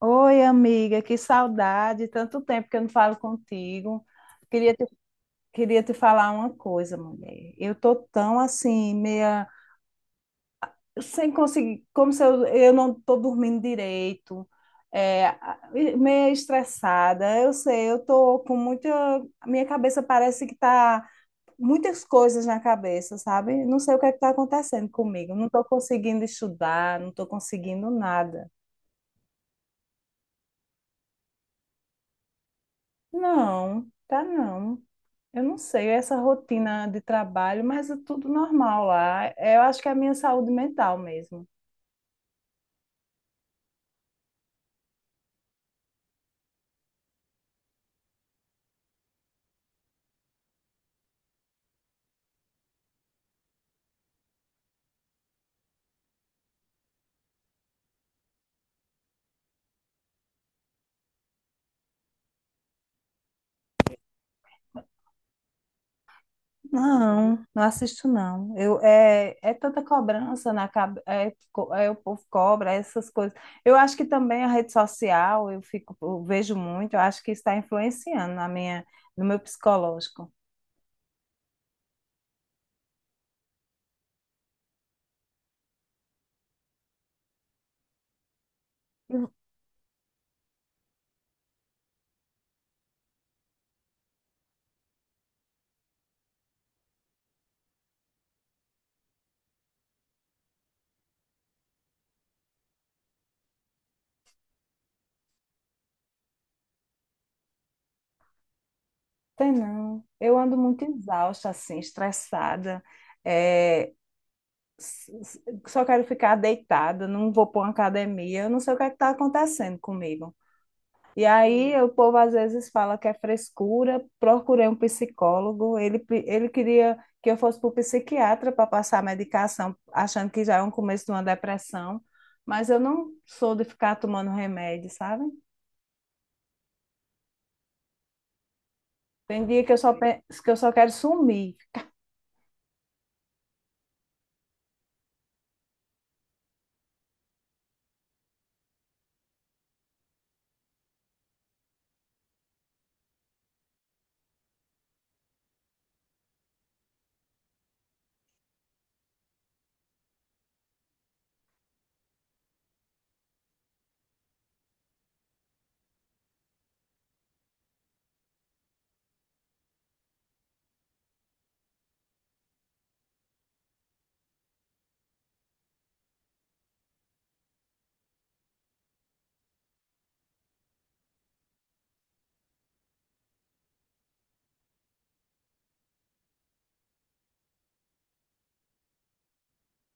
Oi, amiga, que saudade. Tanto tempo que eu não falo contigo. Queria te, queria te falar uma coisa, mulher. Eu tô tão assim, meia sem conseguir, como se eu não tô dormindo direito, é, a- meia estressada. Eu sei, eu tô com muita. A Minha cabeça parece que tá muitas coisas na cabeça, sabe? Não sei o que é que tá acontecendo comigo. Não tô conseguindo estudar, não tô conseguindo nada. Não, tá não. Eu não sei, essa rotina de trabalho, mas é tudo normal lá. Eu acho que é a minha saúde mental mesmo. Não, não assisto não. É, é tanta cobrança na cabeça, é o povo cobra, essas coisas. Eu acho que também a rede social, eu fico, eu vejo muito, eu acho que está influenciando na no meu psicológico. Tem não. Eu ando muito exausta, assim, estressada. Só quero ficar deitada, não vou para uma academia, eu não sei o que é que está acontecendo comigo. E aí o povo às vezes fala que é frescura, procurei um psicólogo, ele queria que eu fosse para o psiquiatra para passar medicação, achando que já é um começo de uma depressão, mas eu não sou de ficar tomando remédio, sabe? Tem dia que eu que eu só quero sumir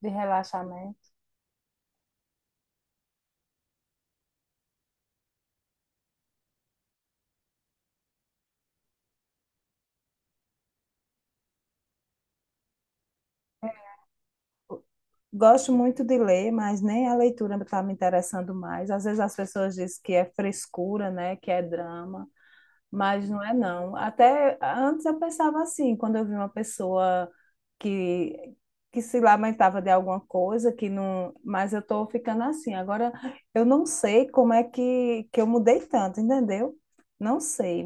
de relaxamento. Gosto muito de ler, mas nem a leitura está me interessando mais. Às vezes as pessoas dizem que é frescura, né, que é drama, mas não é não. Até antes eu pensava assim, quando eu vi uma pessoa que que se lamentava de alguma coisa, que não, mas eu estou ficando assim. Agora eu não sei como é que eu mudei tanto, entendeu? Não sei.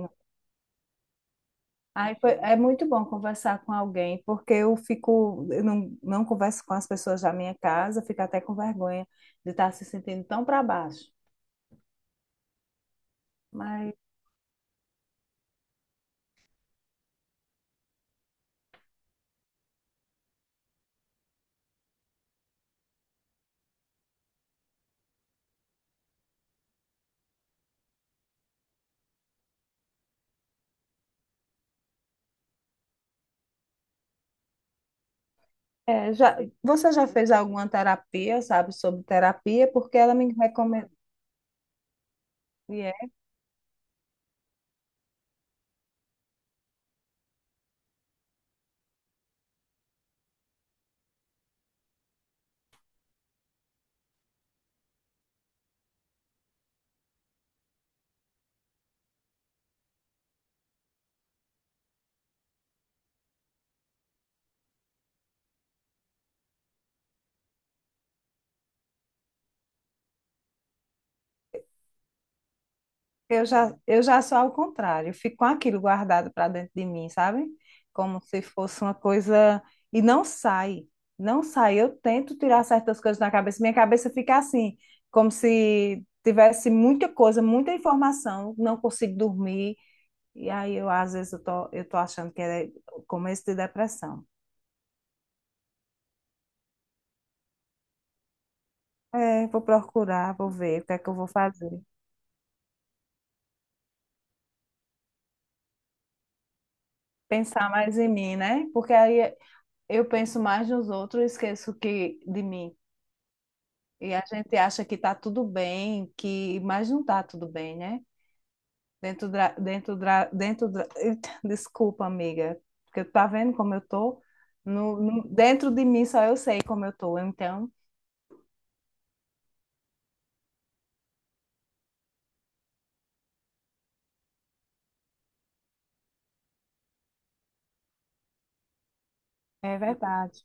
É muito bom conversar com alguém, porque eu fico, eu não, não converso com as pessoas da minha casa, eu fico até com vergonha de estar se sentindo tão para baixo. Mas é, já, você já fez alguma terapia, sabe, sobre terapia? Porque ela me recomendou. Eu já sou ao contrário, eu fico com aquilo guardado para dentro de mim, sabe? Como se fosse uma coisa. E não sai, não sai. Eu tento tirar certas coisas da cabeça, minha cabeça fica assim, como se tivesse muita coisa, muita informação, não consigo dormir. E aí eu tô achando que é o começo de depressão. É, vou procurar, vou ver o que é que eu vou fazer. Pensar mais em mim, né? Porque aí eu penso mais nos outros e de mim. E a gente acha que está tudo bem, que mas não está tudo bem, né? Eita, desculpa, amiga, porque tá vendo como eu tô? Dentro de mim só eu sei como eu tô. Então, é verdade.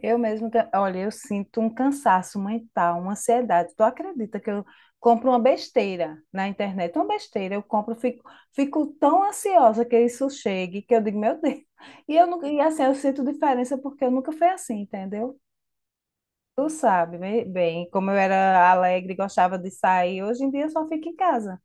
Olha, eu sinto um cansaço mental, uma ansiedade. Tu acredita que eu compro uma besteira na internet? Uma besteira, eu compro, fico, fico tão ansiosa que isso chegue, que eu digo, meu Deus. E eu nunca, e assim, eu sinto diferença porque eu nunca fui assim, entendeu? Tu sabe bem, bem, como eu era alegre, gostava de sair, hoje em dia eu só fico em casa.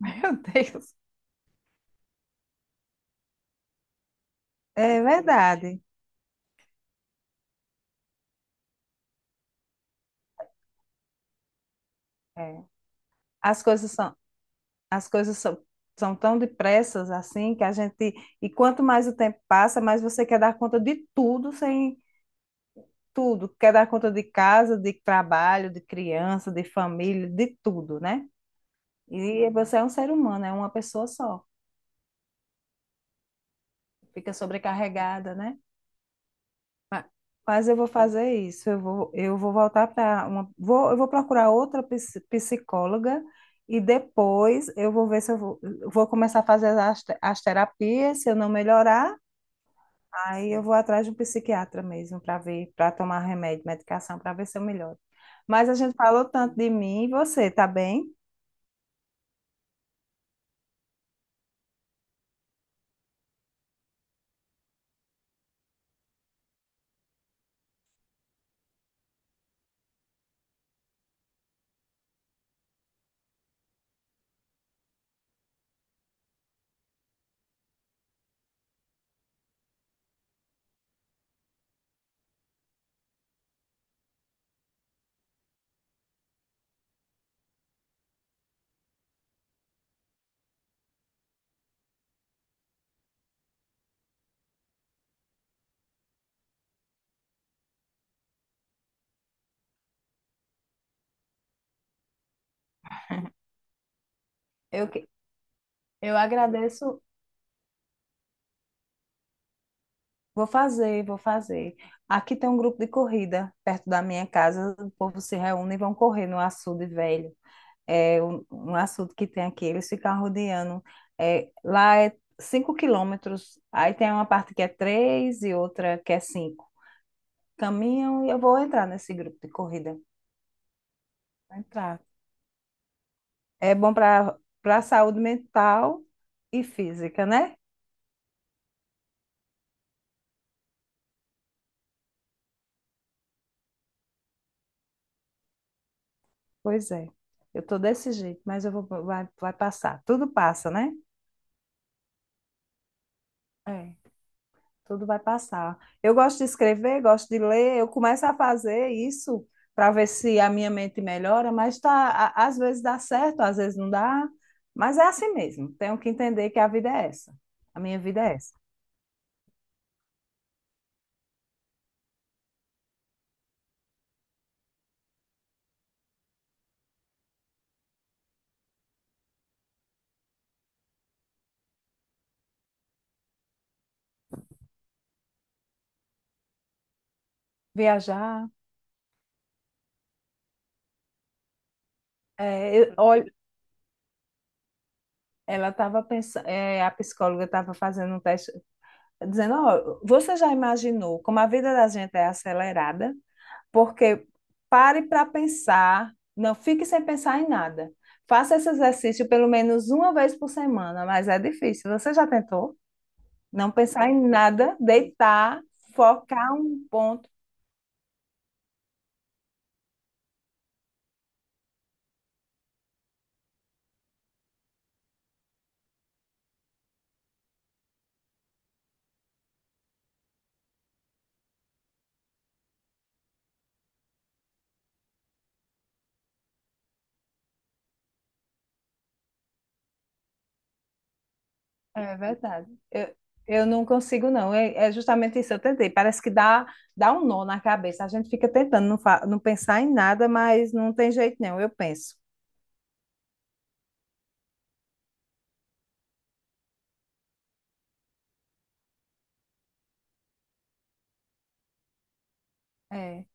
Meu Deus. É verdade. É. As coisas são as coisas são, são tão depressas assim que a gente. E quanto mais o tempo passa, mais você quer dar conta de tudo sem tudo. Quer dar conta de casa, de trabalho, de criança, de família, de tudo, né? E você é um ser humano, é uma pessoa só. Fica sobrecarregada, né? Ma- Mas eu vou fazer isso. Eu vou voltar para uma. Eu vou procurar outra psicóloga. E depois eu vou ver se eu vou começar a fazer as terapias. Se eu não melhorar, aí eu vou atrás de um psiquiatra mesmo para ver, para tomar remédio, medicação, para ver se eu melhoro. Mas a gente falou tanto de mim e você, tá bem? Eu, que- eu agradeço. Vou fazer, vou fazer. Aqui tem um grupo de corrida perto da minha casa. O povo se reúne e vão correr no açude velho. É um açude que tem aqui. Eles ficam rodeando. É, lá é 5 quilômetros. Aí tem uma parte que é 3 e outra que é 5. Caminham e eu vou entrar nesse grupo de corrida. Vou entrar. É bom para a saúde mental e física, né? Pois é. Eu tô desse jeito, mas eu vou vai, vai passar. Tudo passa, né? É, tudo vai passar. Eu gosto de escrever, gosto de ler, eu começo a fazer isso para ver se a minha mente melhora, mas tá, às vezes dá certo, às vezes não dá, mas é assim mesmo. Tenho que entender que a vida é essa. A minha vida é essa. Viajar, olha, ela estava pensando, a psicóloga estava fazendo um teste dizendo, ó, você já imaginou como a vida da gente é acelerada? Porque pare para pensar, não fique sem pensar em nada. Faça esse exercício pelo menos uma vez por semana, mas é difícil. Você já tentou? Não pensar em nada, deitar, focar um ponto. É verdade. Eu não consigo, não. É, é justamente isso, eu tentei. Parece que dá um nó na cabeça. A gente fica tentando não pensar em nada, mas não tem jeito, não. Eu penso. É.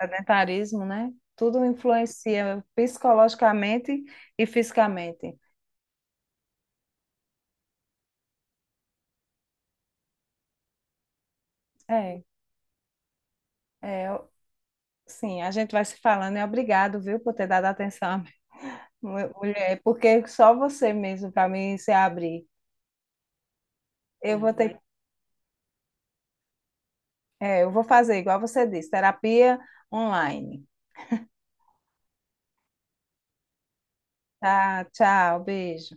Sedentarismo, né? Tudo influencia psicologicamente e fisicamente. É, é, eu- sim, a gente vai se falando e obrigado, viu, por ter dado atenção à minha mulher, porque só você mesmo para mim se abrir. Eu vou ter, eu vou fazer igual você disse, terapia online. Tá, tchau, beijo.